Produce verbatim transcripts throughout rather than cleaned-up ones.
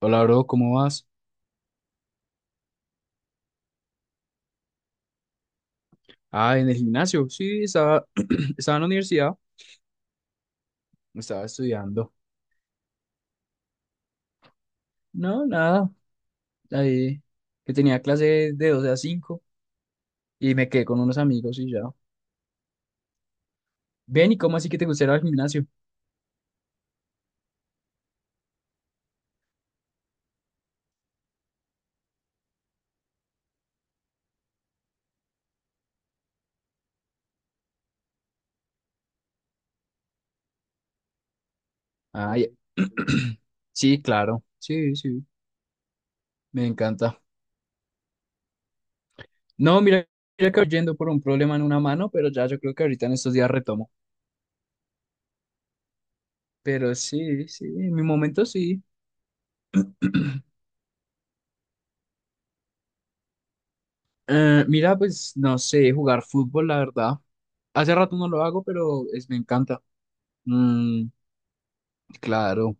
Hola, bro, ¿cómo vas? Ah, en el gimnasio. Sí, estaba, estaba en la universidad, estaba estudiando. No, nada, ahí que tenía clase de doce a cinco y me quedé con unos amigos y ya. Ven, ¿y cómo así que te gustaría el gimnasio? Ah, ya. Sí, claro. Sí, sí, me encanta. No, mira, mira que voy yendo por un problema en una mano, pero ya yo creo que ahorita en estos días retomo. Pero sí, sí, en mi momento sí. Eh, mira, pues no sé, jugar fútbol, la verdad. Hace rato no lo hago, pero es, me encanta. Mm, claro.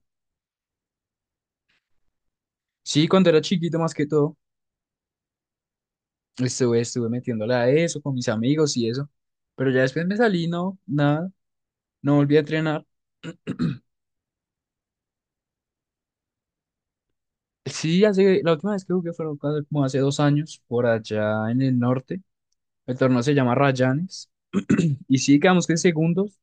Sí, cuando era chiquito más que todo, estuve, estuve metiéndole a eso con mis amigos y eso. Pero ya después me salí, no, nada, no volví a entrenar. Sí, hace, la última vez que jugué fue hace- como hace dos años, por allá en el norte. El torneo se llama Rayanes. Y sí, quedamos que en segundos.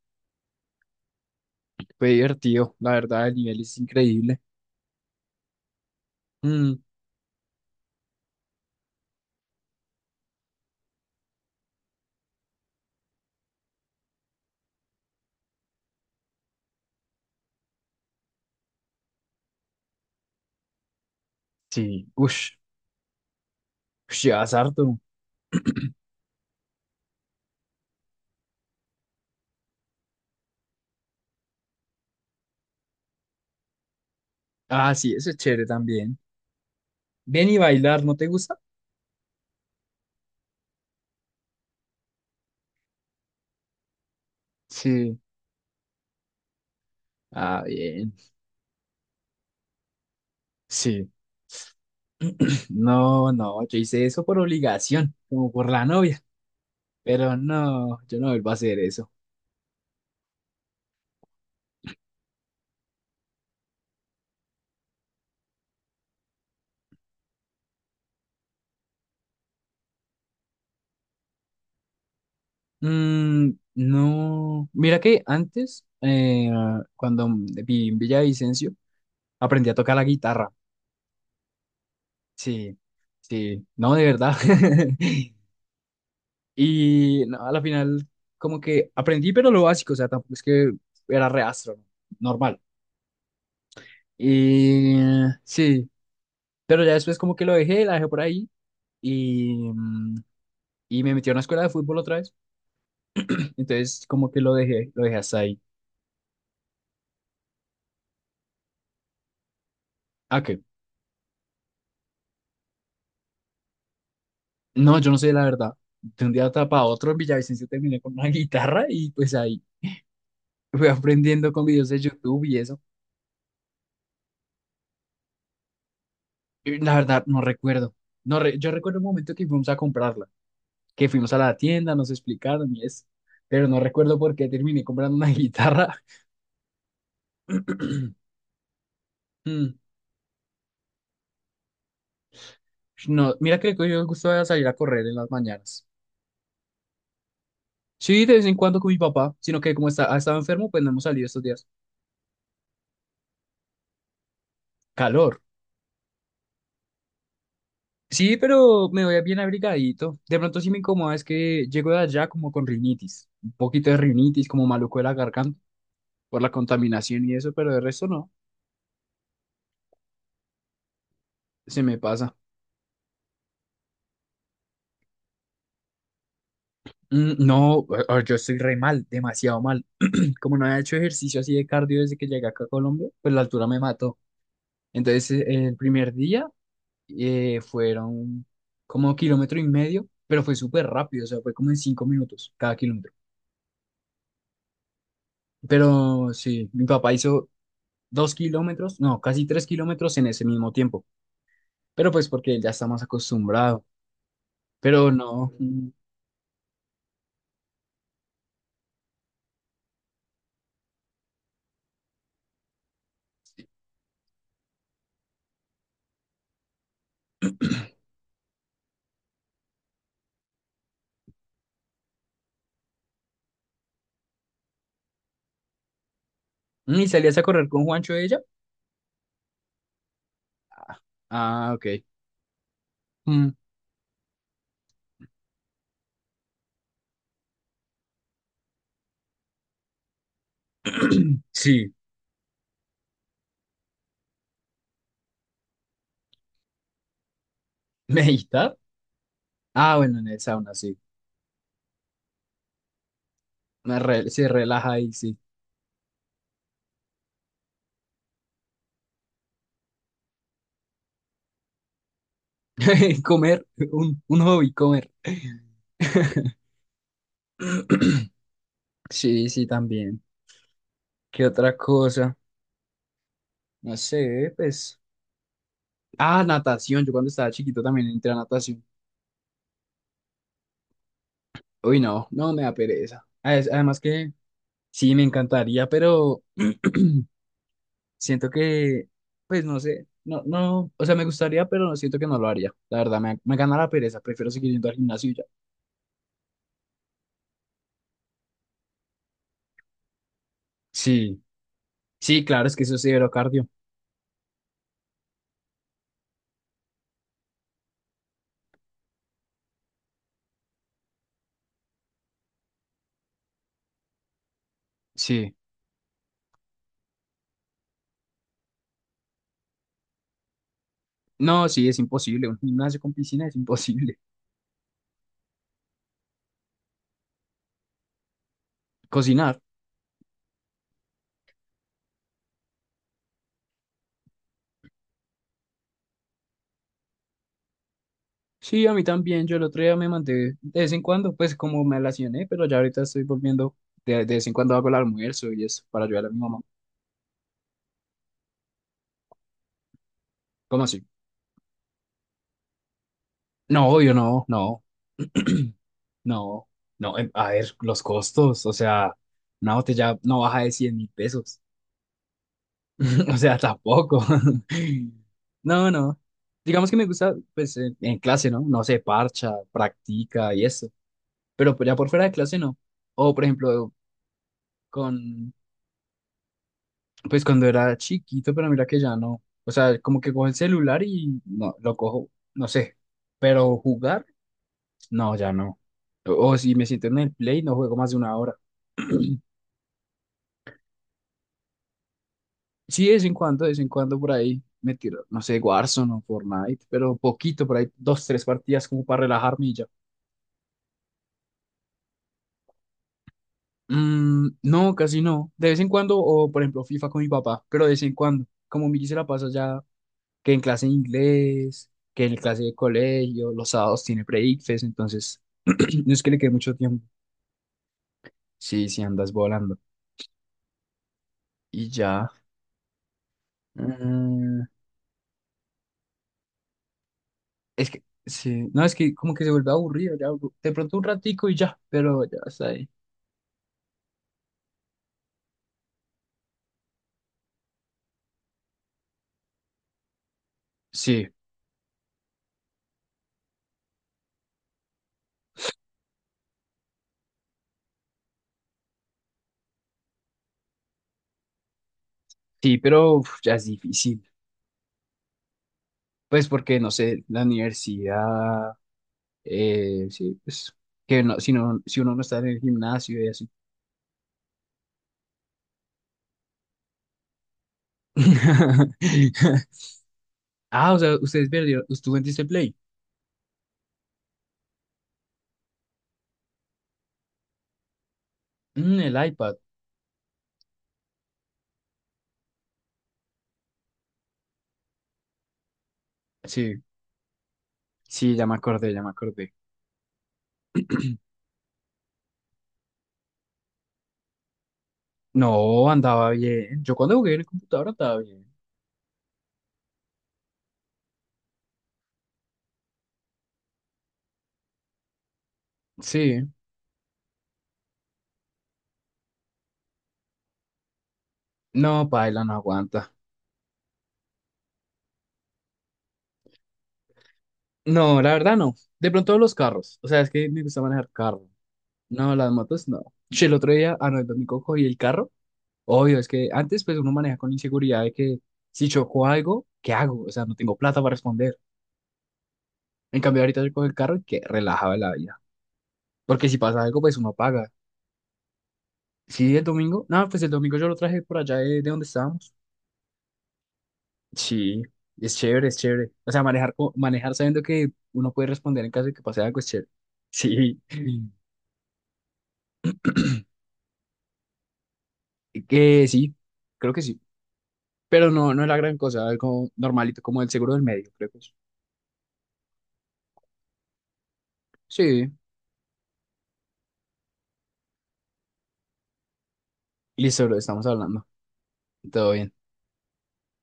Fue divertido, la verdad, el nivel es increíble. Mm, sí, uff, llevas harto. Ah, sí, eso es chévere también. Ven y bailar, ¿no te gusta? Sí. Ah, bien. Sí. No, no, yo hice eso por obligación, como por la novia. Pero no, yo no vuelvo a hacer eso. Mm, no. Mira que antes, eh, cuando viví en Villavicencio, aprendí a tocar la guitarra. Sí, sí. No, de verdad. Y no, a la final, como que aprendí, pero lo básico, o sea, tampoco es que era reastro, normal. Y eh, sí, pero ya después como que lo dejé, la dejé por ahí. Y, mm, y me metí a una escuela de fútbol otra vez. Entonces, como que lo dejé, lo dejé hasta ahí. Ah, qué no, yo no sé la verdad. De un día para otro en Villavicencio terminé con una guitarra y pues ahí fui aprendiendo con videos de YouTube y eso. Y la verdad, no recuerdo. No re- Yo recuerdo un momento que fuimos a comprarla, que fuimos a la tienda, nos explicaron y eso. Pero no recuerdo por qué terminé comprando una guitarra. Mm, no, mira que yo me el salir a correr en las mañanas. Sí, de vez en cuando con mi papá, sino que como está, ha estado enfermo, pues no hemos salido estos días. Calor. Sí, pero me voy bien abrigadito. De pronto sí me incomoda es que llego de allá como con rinitis, un poquito de rinitis, como maluco de la garganta por la contaminación y eso, pero de resto no, se me pasa. Mm, no, eh, eh, yo estoy re mal, demasiado mal. Como no había hecho ejercicio así de cardio desde que llegué acá a Colombia, pues la altura me mató. Entonces, eh, el primer día eh, fueron como kilómetro y medio, pero fue súper rápido, o sea, fue como en cinco minutos cada kilómetro. Pero sí, mi papá hizo dos kilómetros, no, casi tres kilómetros en ese mismo tiempo, pero pues porque él ya está más acostumbrado. Pero no, mm, mm, ¿y salías a correr con Juancho de ella? Ah, ok. Mm, sí, ¿meditar? Ah, bueno, en el sauna, sí. Me re- se relaja ahí, sí. Comer, un, un hobby, comer. Sí, sí, también. ¿Qué otra cosa? No sé, pues. Ah, natación. Yo cuando estaba chiquito también entré a natación. Uy, no, no me da pereza. Ades- Además que sí, me encantaría, pero siento que, pues no sé, no, no, o sea, me gustaría, pero no siento que no lo haría. La verdad, me, me gana la pereza. Prefiero seguir yendo al gimnasio y ya. Sí, sí, claro, es que eso es cero cardio. Sí. No, sí, es imposible. Un gimnasio con piscina es imposible. Cocinar. Sí, a mí también. Yo el otro día me mandé de vez en cuando, pues como me relacioné, pero ya ahorita estoy volviendo. De, de vez en cuando hago el almuerzo y eso para ayudar a mi mamá. ¿Cómo así? No, yo no, no, no, no. em, A ver, los costos. O sea, una botella no baja de cien mil pesos. O sea, tampoco. No, no. Digamos que me gusta, pues en, en clase, ¿no? No se parcha, practica y eso. Pero pues, ya por fuera de clase no. O por ejemplo, con pues cuando era chiquito, pero mira que ya no. O sea, como que cojo el celular y no, lo cojo, no sé. Pero jugar, no, ya no. O, o si me siento en el play, no juego más de una hora. Sí, de vez en cuando, de vez en cuando por ahí me tiro, no sé, Warzone o Fortnite, pero poquito, por ahí dos, tres partidas como para relajarme y ya. Mm, no, casi no. De vez en cuando, o por ejemplo FIFA con mi papá, pero de vez en cuando. Como Miki se la pasa ya que en clase de inglés, que en clase de colegio, los sábados tiene pre-ICFES, entonces no es que le quede mucho tiempo. Sí, sí, andas volando. Y ya. Mm, es que, sí, no, es que como que se vuelve aburrido, ya, de pronto un ratico y ya, pero ya está ahí. Sí, sí, pero uf, ya es difícil. Pues porque, no sé, la universidad, eh, sí, pues, que no, si no, si uno no está en el gimnasio y así. Ah, o sea, ustedes perdieron, ¿tú vendiste Play? Mm, el iPad. Sí, sí, ya me acordé, ya me acordé. No, andaba bien. Yo cuando jugué en el computador andaba bien. Sí. No, paila, no aguanta. No, la verdad no. De pronto los carros. O sea, es que me gusta manejar carro. No, las motos no. Che, el otro día, ah, no, el domingo cogí el carro. Obvio, es que antes pues uno maneja con inseguridad de que si choco algo, ¿qué hago? O sea, no tengo plata para responder. En cambio, ahorita yo cojo el carro y que relajaba la vida. Porque si pasa algo, pues uno paga. Sí, el domingo. No, pues el domingo yo lo traje por allá de, de donde estábamos. Sí, es chévere, es chévere. O sea, manejar, co- manejar sabiendo que uno puede responder en caso de que pase algo es chévere. Sí, y que sí, creo que sí. Pero no, no es la gran cosa, algo normalito como el seguro del medio, creo que es. Sí, listo, lo estamos hablando. Todo bien.